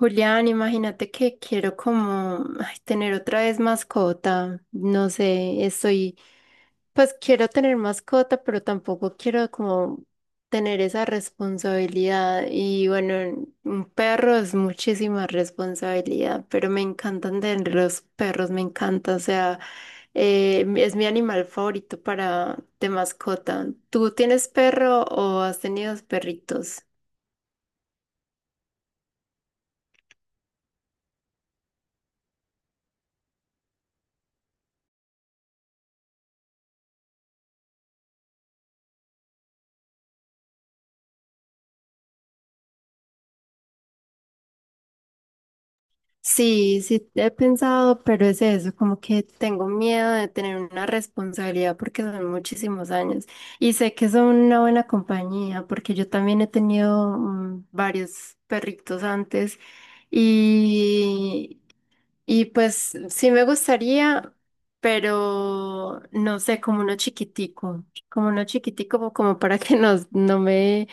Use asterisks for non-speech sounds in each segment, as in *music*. Julián, imagínate que quiero como ay, tener otra vez mascota. No sé, pues quiero tener mascota, pero tampoco quiero como tener esa responsabilidad. Y bueno, un perro es muchísima responsabilidad, pero me encantan tener los perros, me encanta. O sea, es mi animal favorito para de mascota. ¿Tú tienes perro o has tenido perritos? Sí, sí, he pensado, pero es eso, como que tengo miedo de tener una responsabilidad porque son muchísimos años y sé que son una buena compañía porque yo también he tenido varios perritos antes y, y pues sí me gustaría, pero no sé, como uno chiquitico, como uno chiquitico, como para que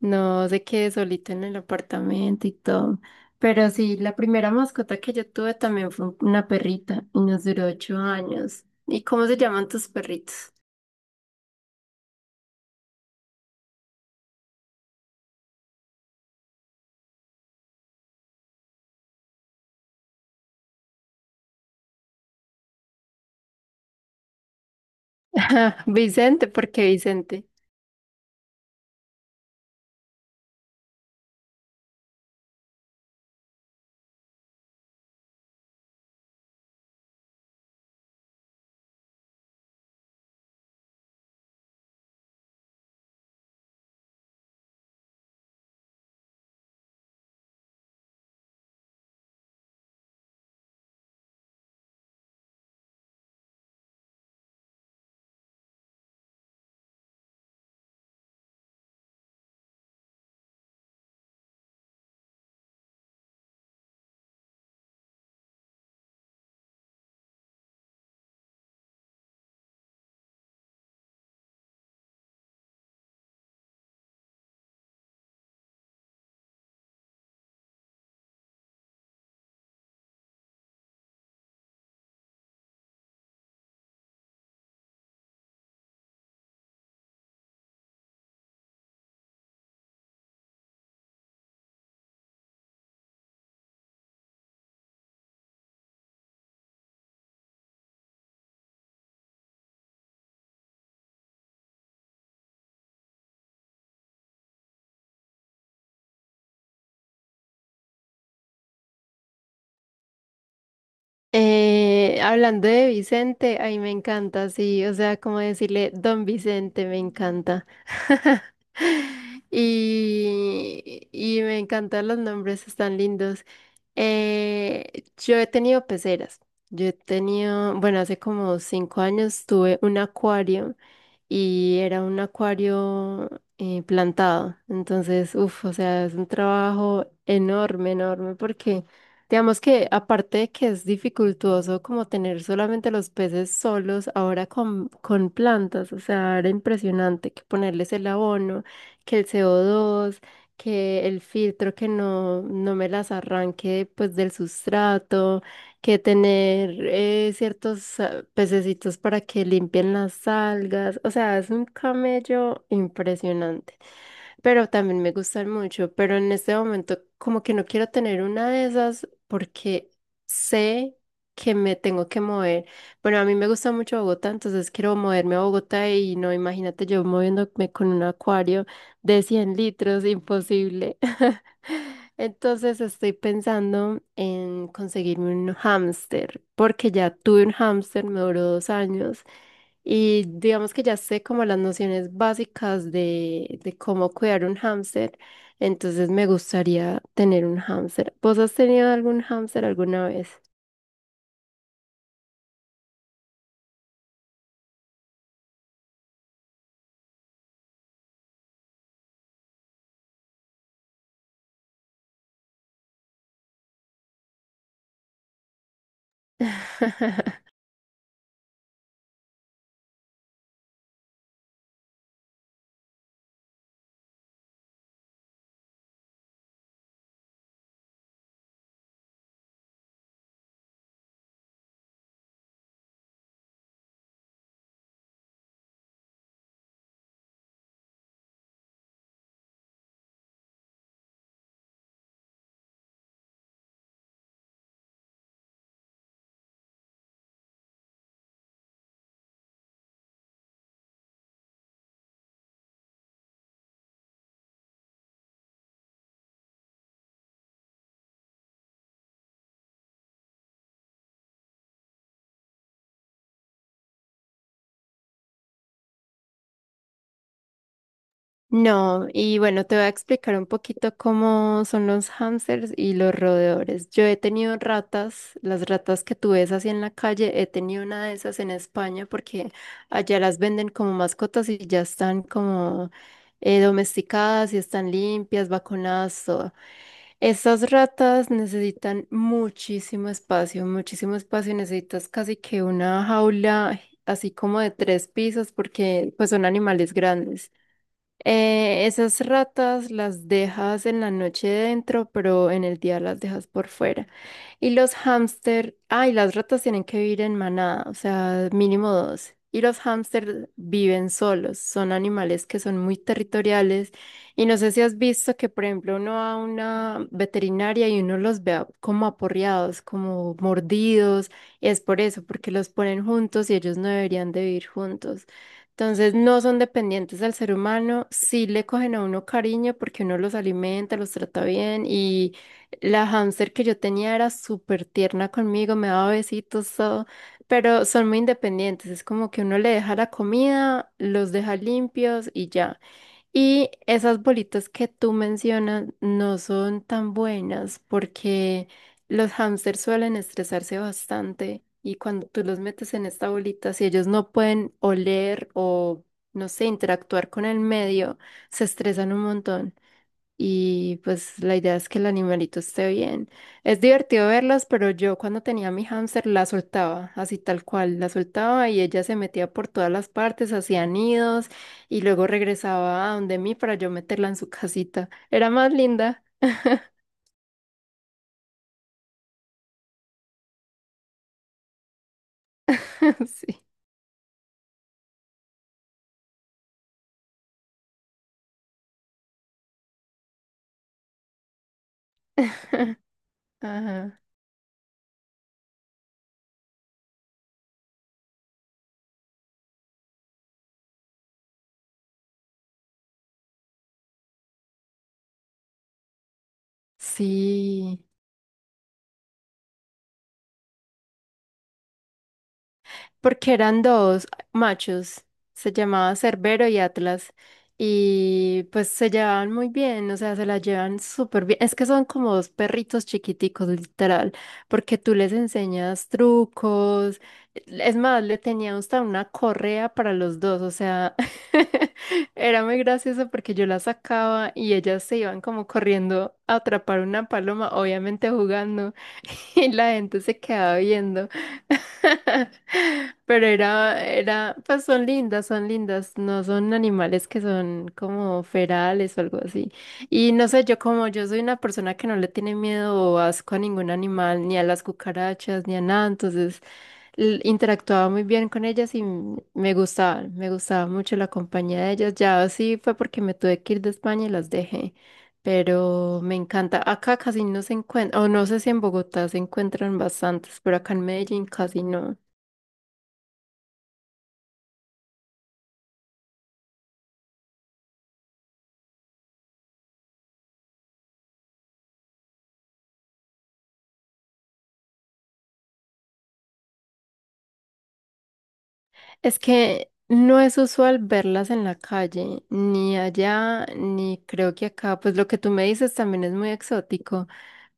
no se quede solito en el apartamento y todo. Pero sí, la primera mascota que yo tuve también fue una perrita y nos duró 8 años. ¿Y cómo se llaman tus perritos? *laughs* Vicente, ¿por qué Vicente? Hablando de Vicente, ay, me encanta, sí, o sea, como decirle Don Vicente, me encanta. *laughs* Y, y me encantan los nombres, están lindos. Yo he tenido peceras, yo he tenido, bueno, hace como 5 años tuve un acuario y era un acuario plantado. Entonces, uff, o sea, es un trabajo enorme, enorme, porque digamos que aparte de que es dificultoso como tener solamente los peces solos, ahora con plantas, o sea, era impresionante que ponerles el abono, que el CO2, que el filtro que no me las arranque pues del sustrato que tener ciertos pececitos para que limpien las algas. O sea, es un camello impresionante. Pero también me gustan mucho. Pero en este momento, como que no quiero tener una de esas porque sé que me tengo que mover. Bueno, a mí me gusta mucho Bogotá, entonces quiero moverme a Bogotá y no, imagínate yo moviéndome con un acuario de 100 litros, imposible. *laughs* Entonces estoy pensando en conseguirme un hámster, porque ya tuve un hámster, me duró 2 años y digamos que ya sé como las nociones básicas de cómo cuidar un hámster, entonces me gustaría tener un hámster. ¿Vos has tenido algún hámster alguna vez? *laughs* No, y bueno, te voy a explicar un poquito cómo son los hámsters y los roedores. Yo he tenido ratas, las ratas que tú ves así en la calle, he tenido una de esas en España porque allá las venden como mascotas y ya están como domesticadas y están limpias, vacunadas, todo. Esas ratas necesitan muchísimo espacio, necesitas casi que una jaula así como de 3 pisos porque pues son animales grandes. Esas ratas las dejas en la noche dentro, pero en el día las dejas por fuera. Y los hámster, ay, las ratas tienen que vivir en manada, o sea, mínimo 2. Y los hámster viven solos, son animales que son muy territoriales. Y no sé si has visto que, por ejemplo, uno va a una veterinaria y uno los ve como aporreados, como mordidos. Y es por eso, porque los ponen juntos y ellos no deberían de vivir juntos. Entonces no son dependientes del ser humano, sí le cogen a uno cariño porque uno los alimenta, los trata bien y la hámster que yo tenía era súper tierna conmigo, me daba besitos, todo, pero son muy independientes, es como que uno le deja la comida, los deja limpios y ya. Y esas bolitas que tú mencionas no son tan buenas porque los hámsters suelen estresarse bastante y cuando tú los metes en esta bolita, si ellos no pueden oler o, no sé, interactuar con el medio, se estresan un montón. Y pues la idea es que el animalito esté bien. Es divertido verlas, pero yo cuando tenía mi hámster la soltaba, así tal cual, la soltaba y ella se metía por todas las partes, hacía nidos y luego regresaba a donde mí para yo meterla en su casita. Era más linda. *laughs* Sí. *laughs* Ajá. Sí. Porque eran dos machos, se llamaba Cerbero y Atlas, y pues se llevaban muy bien, o sea, se la llevan súper bien. Es que son como dos perritos chiquiticos, literal, porque tú les enseñas trucos, es más, le tenía hasta una correa para los dos, o sea, *laughs* era muy gracioso porque yo la sacaba y ellas se iban como corriendo a atrapar una paloma, obviamente jugando. *laughs* Y la gente se quedaba viendo. *laughs* Pero pues son lindas, no son animales que son como ferales o algo así. Y no sé, yo como yo soy una persona que no le tiene miedo o asco a ningún animal, ni a las cucarachas, ni a nada, entonces interactuaba muy bien con ellas y me gustaban, me gustaba mucho la compañía de ellas. Ya así fue porque me tuve que ir de España y las dejé pero me encanta. Acá casi no se encuentran, o no sé si en Bogotá se encuentran bastantes, pero acá en Medellín casi no. Es que no es usual verlas en la calle, ni allá, ni creo que acá. Pues lo que tú me dices también es muy exótico.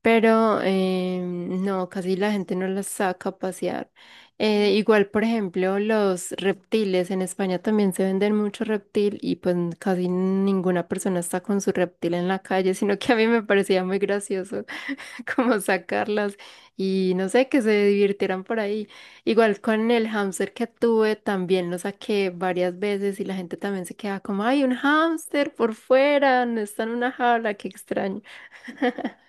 Pero no, casi la gente no las saca a pasear. Igual, por ejemplo, los reptiles, en España también se venden mucho reptil y pues casi ninguna persona está con su reptil en la calle, sino que a mí me parecía muy gracioso *laughs* como sacarlas y no sé, que se divirtieran por ahí. Igual con el hámster que tuve, también lo saqué varias veces y la gente también se queda como, ay, un hámster por fuera, no está en una jaula, qué extraño. *laughs*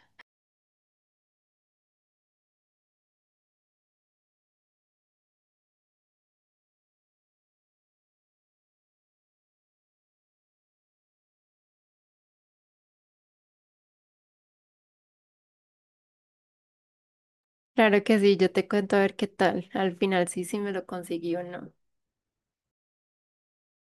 Claro que sí, yo te cuento a ver qué tal. Al final sí, sí me lo conseguí o no.